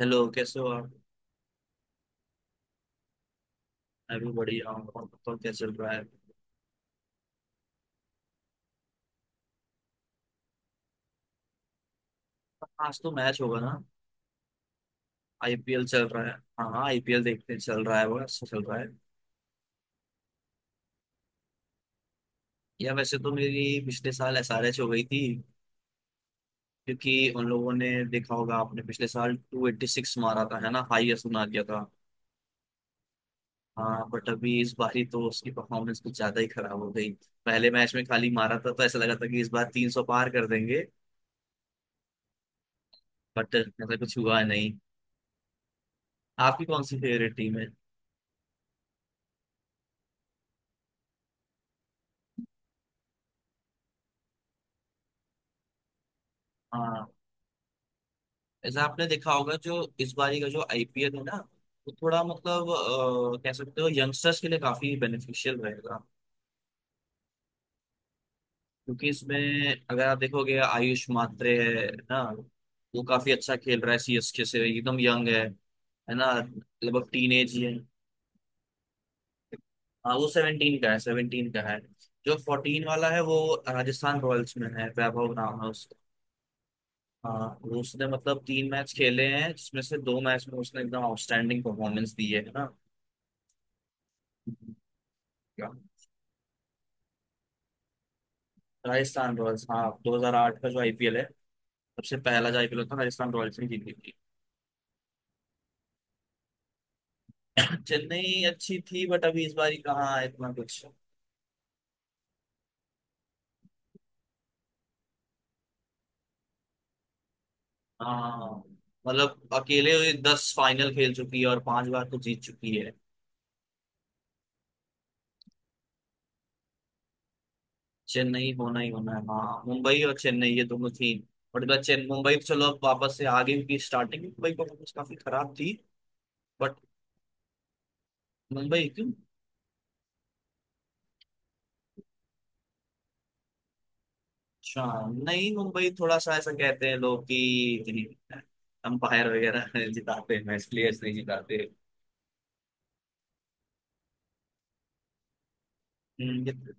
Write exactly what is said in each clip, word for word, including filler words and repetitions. Hello, कैसे हो आप? मैं भी बढ़िया हूँ। और बताओ, क्या चल रहा है? आज तो मैच होगा ना? आईपीएल चल रहा है। हाँ हाँ, आई पी एल देखते हैं, चल रहा है वो, अच्छा चल रहा है। या, वैसे तो मेरी पिछले साल एस आर एच हो गई थी, क्योंकि उन लोगों ने, देखा होगा आपने, पिछले साल टू एट्टी सिक्स मारा था, है ना? हाईएस्ट बना दिया था। हाँ, बट अभी इस बार ही तो उसकी परफॉर्मेंस कुछ ज्यादा ही खराब हो गई। पहले मैच में खाली मारा था तो ऐसा लगा था कि इस बार तीन सौ पार कर देंगे। बट ऐसा कुछ हुआ नहीं। आपकी कौन सी फेवरेट टीम है? हाँ, ऐसा आपने देखा होगा, जो इस बारी का जो आई पी एल है ना, वो थोड़ा मतलब अ, कह सकते हो यंगस्टर्स के लिए काफी बेनिफिशियल रहेगा, क्योंकि इसमें अगर आप देखोगे, आयुष मात्रे, है ना, वो काफी अच्छा खेल रहा है, सी एस के से। एकदम यंग है है ना? लगभग टीनेज ही है। हाँ, वो सेवनटीन का है, सेवनटीन का है। जो फोर्टीन वाला है वो राजस्थान रॉयल्स में है, वैभव नाम है उसका। हाँ, वो उसने मतलब तीन मैच खेले हैं, जिसमें से दो मैच में उसने एकदम आउटस्टैंडिंग परफॉर्मेंस दी है है ना? राजस्थान रॉयल्स, हाँ दो हज़ार आठ का जो आई पी एल है, सबसे पहला जो आई पी एल था, राजस्थान रॉयल्स ने जीती थी। चेन्नई अच्छी थी, बट अभी इस बार ही कहाँ है इतना कुछ। हाँ, मतलब अकेले ये दस फाइनल खेल चुकी है और पांच बार तो जीत चुकी है। चेन्नई होना ही होना है। हाँ, मुंबई और चेन्नई, ये दोनों थी। बट इधर चेन मुंबई तो, चलो, अब वापस से आगे की स्टार्टिंग मुंबई परफॉर्मेंस काफी खराब थी। बट मुंबई क्यों? अच्छा, नहीं मुंबई थोड़ा सा ऐसा कहते हैं लोग कि इतनी अंपायर वगैरह जिताते हैं मैच, प्लेयर्स नहीं जिताते। हम्म,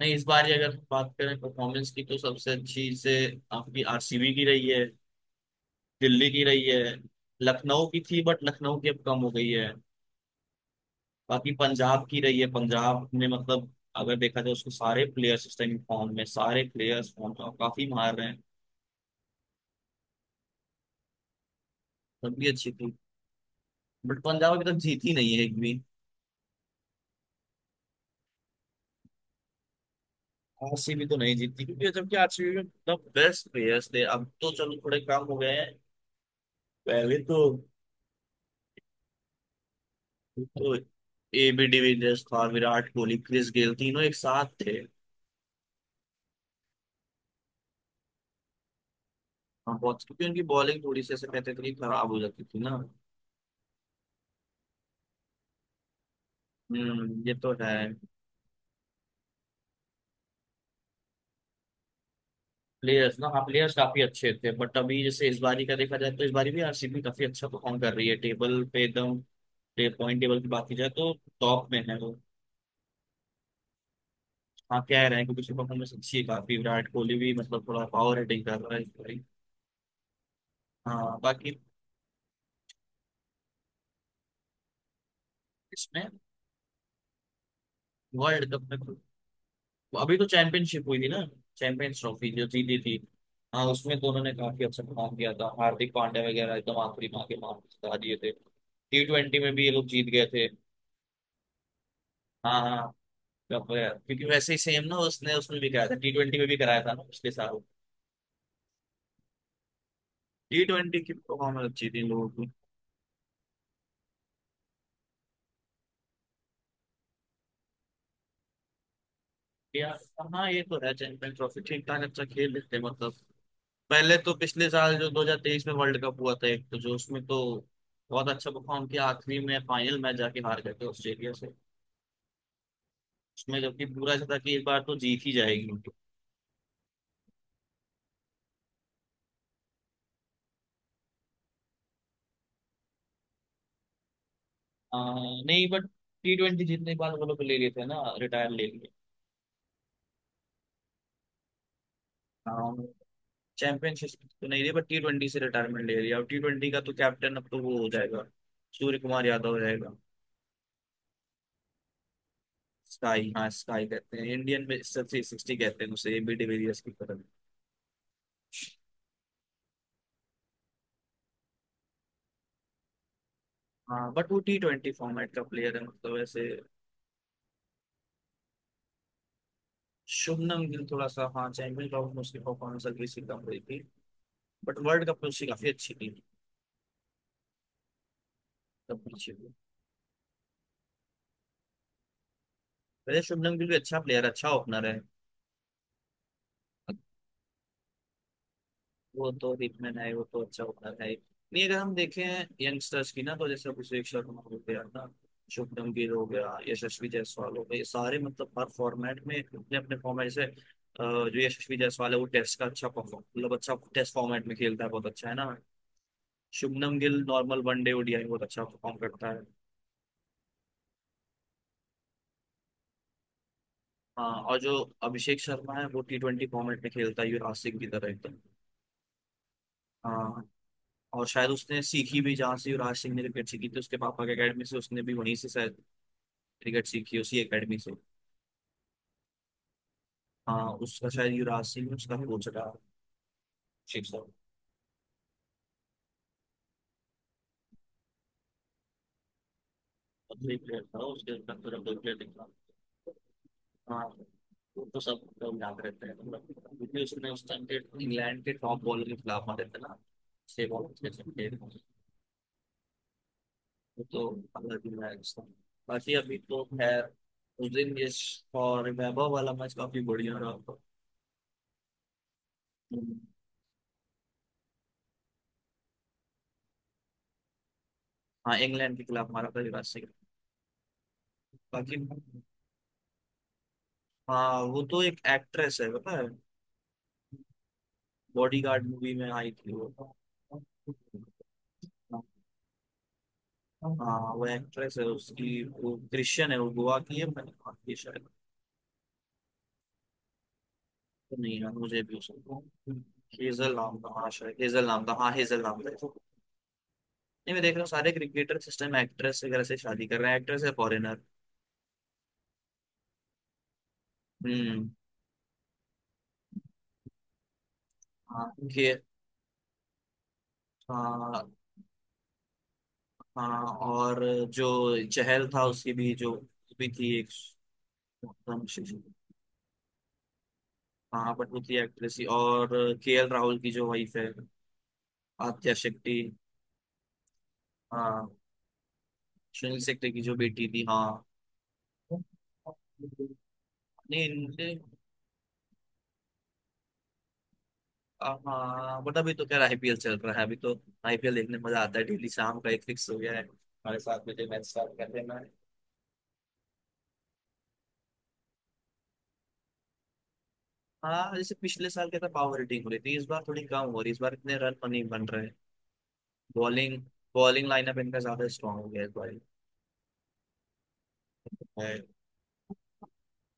नहीं इस बार ही अगर बात करें परफॉर्मेंस की तो सबसे अच्छी से आपकी आर सी बी की रही है, दिल्ली की रही है, लखनऊ की थी बट लखनऊ की अब कम हो गई है, बाकी पंजाब की रही है। पंजाब ने, मतलब अगर देखा जाए उसको, सारे प्लेयर्स इस टाइम फॉर्म में, सारे प्लेयर्स फॉर्म में, और काफी मार रहे हैं। तब भी अच्छी थी, बट पंजाब अभी तक जीती नहीं है एक भी। आरसीबी तो नहीं जीतती, क्योंकि जबकि आर सी बी में द बेस्ट प्लेयर्स थे, अब तो चलो थोड़े कम हो गए हैं। पहले तो तो एबी डिविलियर्स था, विराट कोहली, क्रिस गेल, तीनों एक साथ थे। हाँ, बहुत, क्योंकि उनकी बॉलिंग थोड़ी सी ऐसे कहते थे कि खराब हो जाती थी ना। हम्म, ये तो है। प्लेयर्स ना, हाँ प्लेयर्स काफी अच्छे थे, बट अभी जैसे इस बारी का देखा जाए तो इस बारी भी आर सी बी काफी अच्छा परफॉर्म कर रही है, टेबल पे एकदम। पॉइंट टेबल की बात की जाए तो टॉप में है वो। हाँ, कह रहे हैं, क्योंकि उसकी परफॉर्मेंस अच्छी है काफी। विराट कोहली भी, मतलब, थोड़ा पावर हिटिंग कर रहा है इस बारी। हाँ बाकी, इसमें, वर्ल्ड कप में तो- अभी तो चैंपियनशिप हुई थी ना, चैंपियंस ट्रॉफी जो जीती थी। हाँ, उसमें तो उन्होंने काफी अच्छा काम किया था। हार्दिक पांड्या वगैरह एकदम आखिरी मार के मार के जिता दिए थे। टी ट्वेंटी में भी ये लोग जीत गए थे। हाँ हाँ, कप गया, क्योंकि वैसे ही सेम ना, उसने उसमें भी कराया था, टी ट्वेंटी में भी कराया था ना पिछले साल। टी ट्वेंटी की परफॉर्मेंस अच्छी थी इन लोगों की। यार, हाँ ये तो है, चैंपियन ट्रॉफी ठीक ठाक अच्छा खेल लेते हैं, मतलब। पहले तो पिछले साल जो दो हज़ार तेईस में वर्ल्ड कप हुआ था, एक तो जो उसमें तो बहुत अच्छा परफॉर्म किया, आखिरी में फाइनल मैच जाके हार गए थे ऑस्ट्रेलिया से। उसमें जबकि पूरा ऐसा था कि इस बार तो जीत ही जाएगी उनकी। आ, नहीं बट टी ट्वेंटी जीतने के बाद वो लोग ले लिए थे ना, रिटायर ले लिए। चैंपियनशिप तो नहीं रही, बट टी ट्वेंटी से रिटायरमेंट ले लिया। और टी ट्वेंटी का तो कैप्टन अब तो वो हो जाएगा, सूर्य कुमार यादव हो जाएगा। स्काई, हाँ स्काई कहते हैं इंडियन में। सबसे सिक्सटी कहते हैं उसे, एबी डिविलियर्स की तरह। हाँ बट वो टी ट्वेंटी फॉर्मेट का प्लेयर है, मतलब ऐसे। शुभमन गिल थोड़ा सा, हाँ, चैंपियन ट्रॉफी में उसकी परफॉर्मेंस हल्की सी कम रही थी, बट वर्ल्ड कप में उसकी काफी अच्छी थी। तब पीछे भी, वैसे शुभमन गिल भी अच्छा प्लेयर, अच्छा ओपनर है। वो तो हिटमैन है, वो तो अच्छा ओपनर है। नहीं, अगर हम देखें यंगस्टर्स की ना, तो जैसे अभिषेक शर्मा हो गया ना, शुभमन गिल हो गया, यशस्वी जायसवाल हो गए, ये सारे, मतलब हर फॉर्मेट में अपने अपने फॉर्मेट से अ, जो यशस्वी जायसवाल है, वो टेस्ट का अच्छा परफॉर्म, मतलब अच्छा टेस्ट फॉर्मेट में खेलता है, बहुत अच्छा है ना। Shubman Gill normal one day, O D I बहुत अच्छा परफॉर्म करता है। हाँ, और जो अभिषेक शर्मा है वो टी ट्वेंटी फॉर्मेट में खेलता है, युवराज सिंह की तरह एकदम। हाँ, और शायद उसने सीखी भी जहाँ से युवराज सिंह ने क्रिकेट सीखी थी, उसके पापा की अकेडमी से, उसने भी वहीं से शायद क्रिकेट सीखी, उसी अकेडमी से। हाँ, उसका शायद युवराज सिंह ने उसका कोच रहा, अभिषेक शर्मा। और तो एक प्लेयर था, उसके अंदर तो डबल प्लेयर दिखा। हाँ, वो तो सब लोग याद रहते हैं, मतलब, क्योंकि उसने उस टाइम के इंग्लैंड के टॉप बॉलर के खिलाफ मारे थे ना, छह बॉल छह छक्के। तो अगला दिन आएगा। बाकी अभी तो खैर, उस दिन ये फॉर रिमेम्बर वाला मैच काफी बढ़िया रहा था। हाँ, इंग्लैंड के खिलाफ हमारा पहली सीरीज। बाकी, हाँ वो तो एक एक्ट्रेस है, पता है, बॉडीगार्ड मूवी में आई थी वो। हाँ वो एक्ट्रेस है उसकी, वो क्रिश्चियन है, वो गोवा की है, मैंने कहा कि शायद। नहीं, है मुझे भी उसको। हेजल नाम था, हाँ शायद हेजल नाम था, हाँ हेजल नाम था। नहीं, मैं देख रहा हूँ सारे क्रिकेटर सिस्टम एक्ट्रेस वगैरह से शादी कर रहे हैं। एक्ट्रेस है फॉरेनर। हम्म। हाँ, उनके, हाँ। हाँ, और जो चहल था उसकी भी जो भी थी एक। हाँ, बट वो थी एक्ट्रेस ही। और के एल राहुल की जो वाइफ है, आद्या शेट्टी। हाँ, सुनील शेट्टी की जो बेटी थी, हाँ। नहीं, इनके आ, हाँ, बट अभी तो खैर आई पी एल चल रहा है। अभी तो आई पी एल देखने में मजा आता है, डेली शाम का एक फिक्स हो गया है हमारे साथ में, मैच स्टार्ट कर देना है। हाँ, जैसे पिछले साल क्या था, पावर हिटिंग हो रही थी, इस बार थोड़ी कम हो रही है, इस बार इतने रन नहीं बन रहे। बॉलिंग, बॉलिंग लाइनअप इनका ज्यादा स्ट्रांग हो गया इस बार है।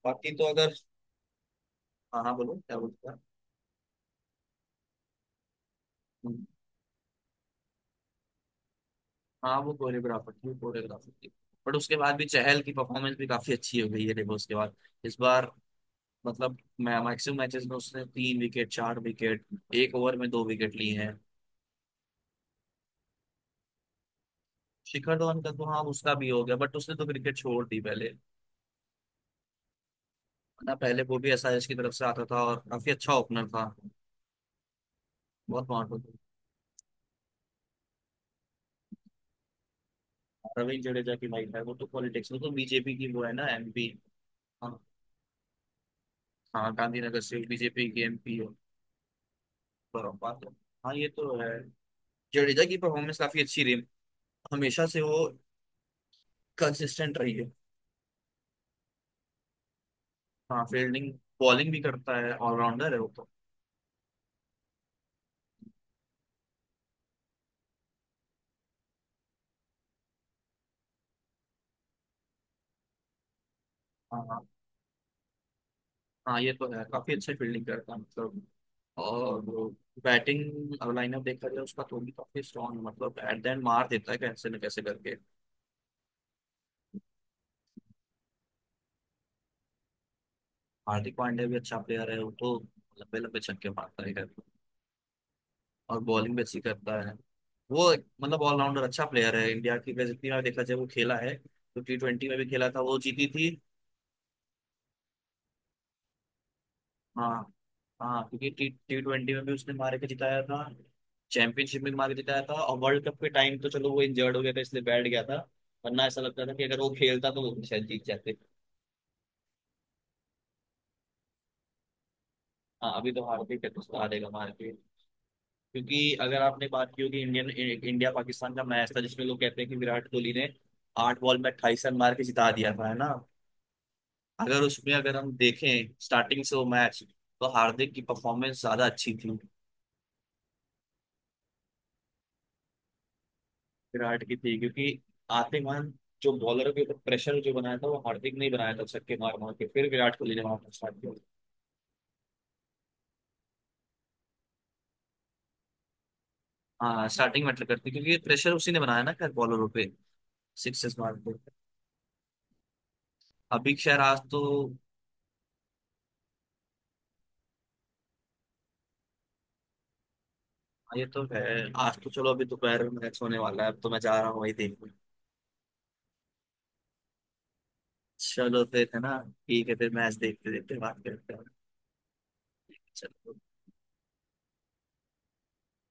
बाकी तो अगर, हाँ हाँ, बोलो क्या बोलते हैं। हाँ, वो कोरियोग्राफर थी, कोरियोग्राफर थी। बट उसके बाद भी चहल की परफॉर्मेंस भी काफी अच्छी हो गई है देखो उसके बाद, इस बार, मतलब, मैं मैक्सिमम मैचेस में उसने तीन विकेट, चार विकेट, एक ओवर में दो विकेट लिए हैं। शिखर धवन का तो, हाँ उसका भी हो गया, बट उसने तो क्रिकेट छोड़ दी पहले ना। पहले वो भी एस आर एच की तरफ से आता था और काफी अच्छा ओपनर था, बहुत महत्वपूर्ण। रविंद्र जडेजा की लाइफ है, वो तो पॉलिटिक्स में तो बी जे पी की वो है ना एम पी। हाँ, हाँ, गांधीनगर से बी जे पी की एम पी हो, बात है। हाँ ये तो है, जडेजा की परफॉर्मेंस काफी अच्छी रही, हमेशा से वो कंसिस्टेंट रही है। हाँ, फील्डिंग, बॉलिंग भी करता है, ऑलराउंडर है वो तो। हाँ हाँ, हाँ, ये तो है, काफी अच्छी फील्डिंग करता है, मतलब। और वो बैटिंग लाइनअप देखा जाए उसका तो भी काफी स्ट्रॉन्ग, मतलब एट द एंड मार देता है कैसे न कैसे करके। हार्दिक पांड्या भी अच्छा प्लेयर है, वो तो लंबे लंबे छक्के मारता है करके। और बॉलिंग भी अच्छी करता है। वो एक- मतलब, ऑलराउंडर अच्छा प्लेयर है, इंडिया की वैसे जितनी बार देखा जाए वो खेला है तो। टी ट्वेंटी में भी खेला था वो, जीती थी। हाँ हाँ, क्योंकि टी टी ट्वेंटी में भी उसने मार के जिताया था, चैंपियनशिप में भी मार के जिताया था। और वर्ल्ड कप के टाइम तो, चलो, वो इंजर्ड हो गया था इसलिए बैठ गया था, वरना ऐसा लगता था कि अगर वो खेलता तो वो शायद जीत जाते। हाँ, अभी तो हारते ही उसको हारेगा मार के, क्योंकि अगर आपने बात की होगी, इंडियन, इंडिया पाकिस्तान का मैच था जिसमें लोग कहते हैं कि विराट कोहली ने आठ बॉल में अट्ठाईस रन मार के जिता दिया था, है ना? अगर उसमें अगर हम देखें स्टार्टिंग से वो मैच, तो हार्दिक की परफॉर्मेंस ज्यादा अच्छी थी। विराट की थी क्योंकि आते मान, जो बॉलर के ऊपर प्रेशर जो बनाया था वो हार्दिक ने ही बनाया था, छक्के मार मार के, फिर विराट कोहली ने मारा, स्टार्ट किया। हाँ, स्टार्टिंग मैटर करती, क्योंकि प्रेशर उसी ने बनाया ना खैर बॉलरों पे, सिक्सेस मार के। अभी खैर आज तो, हाँ, ये तो है, आज तो चलो अभी दोपहर में मैच होने वाला है, अब तो मैं जा रहा हूँ वही देखने। चलो फिर, है ना? ठीक है, फिर मैच देखते देखते बात करते हैं। चलो।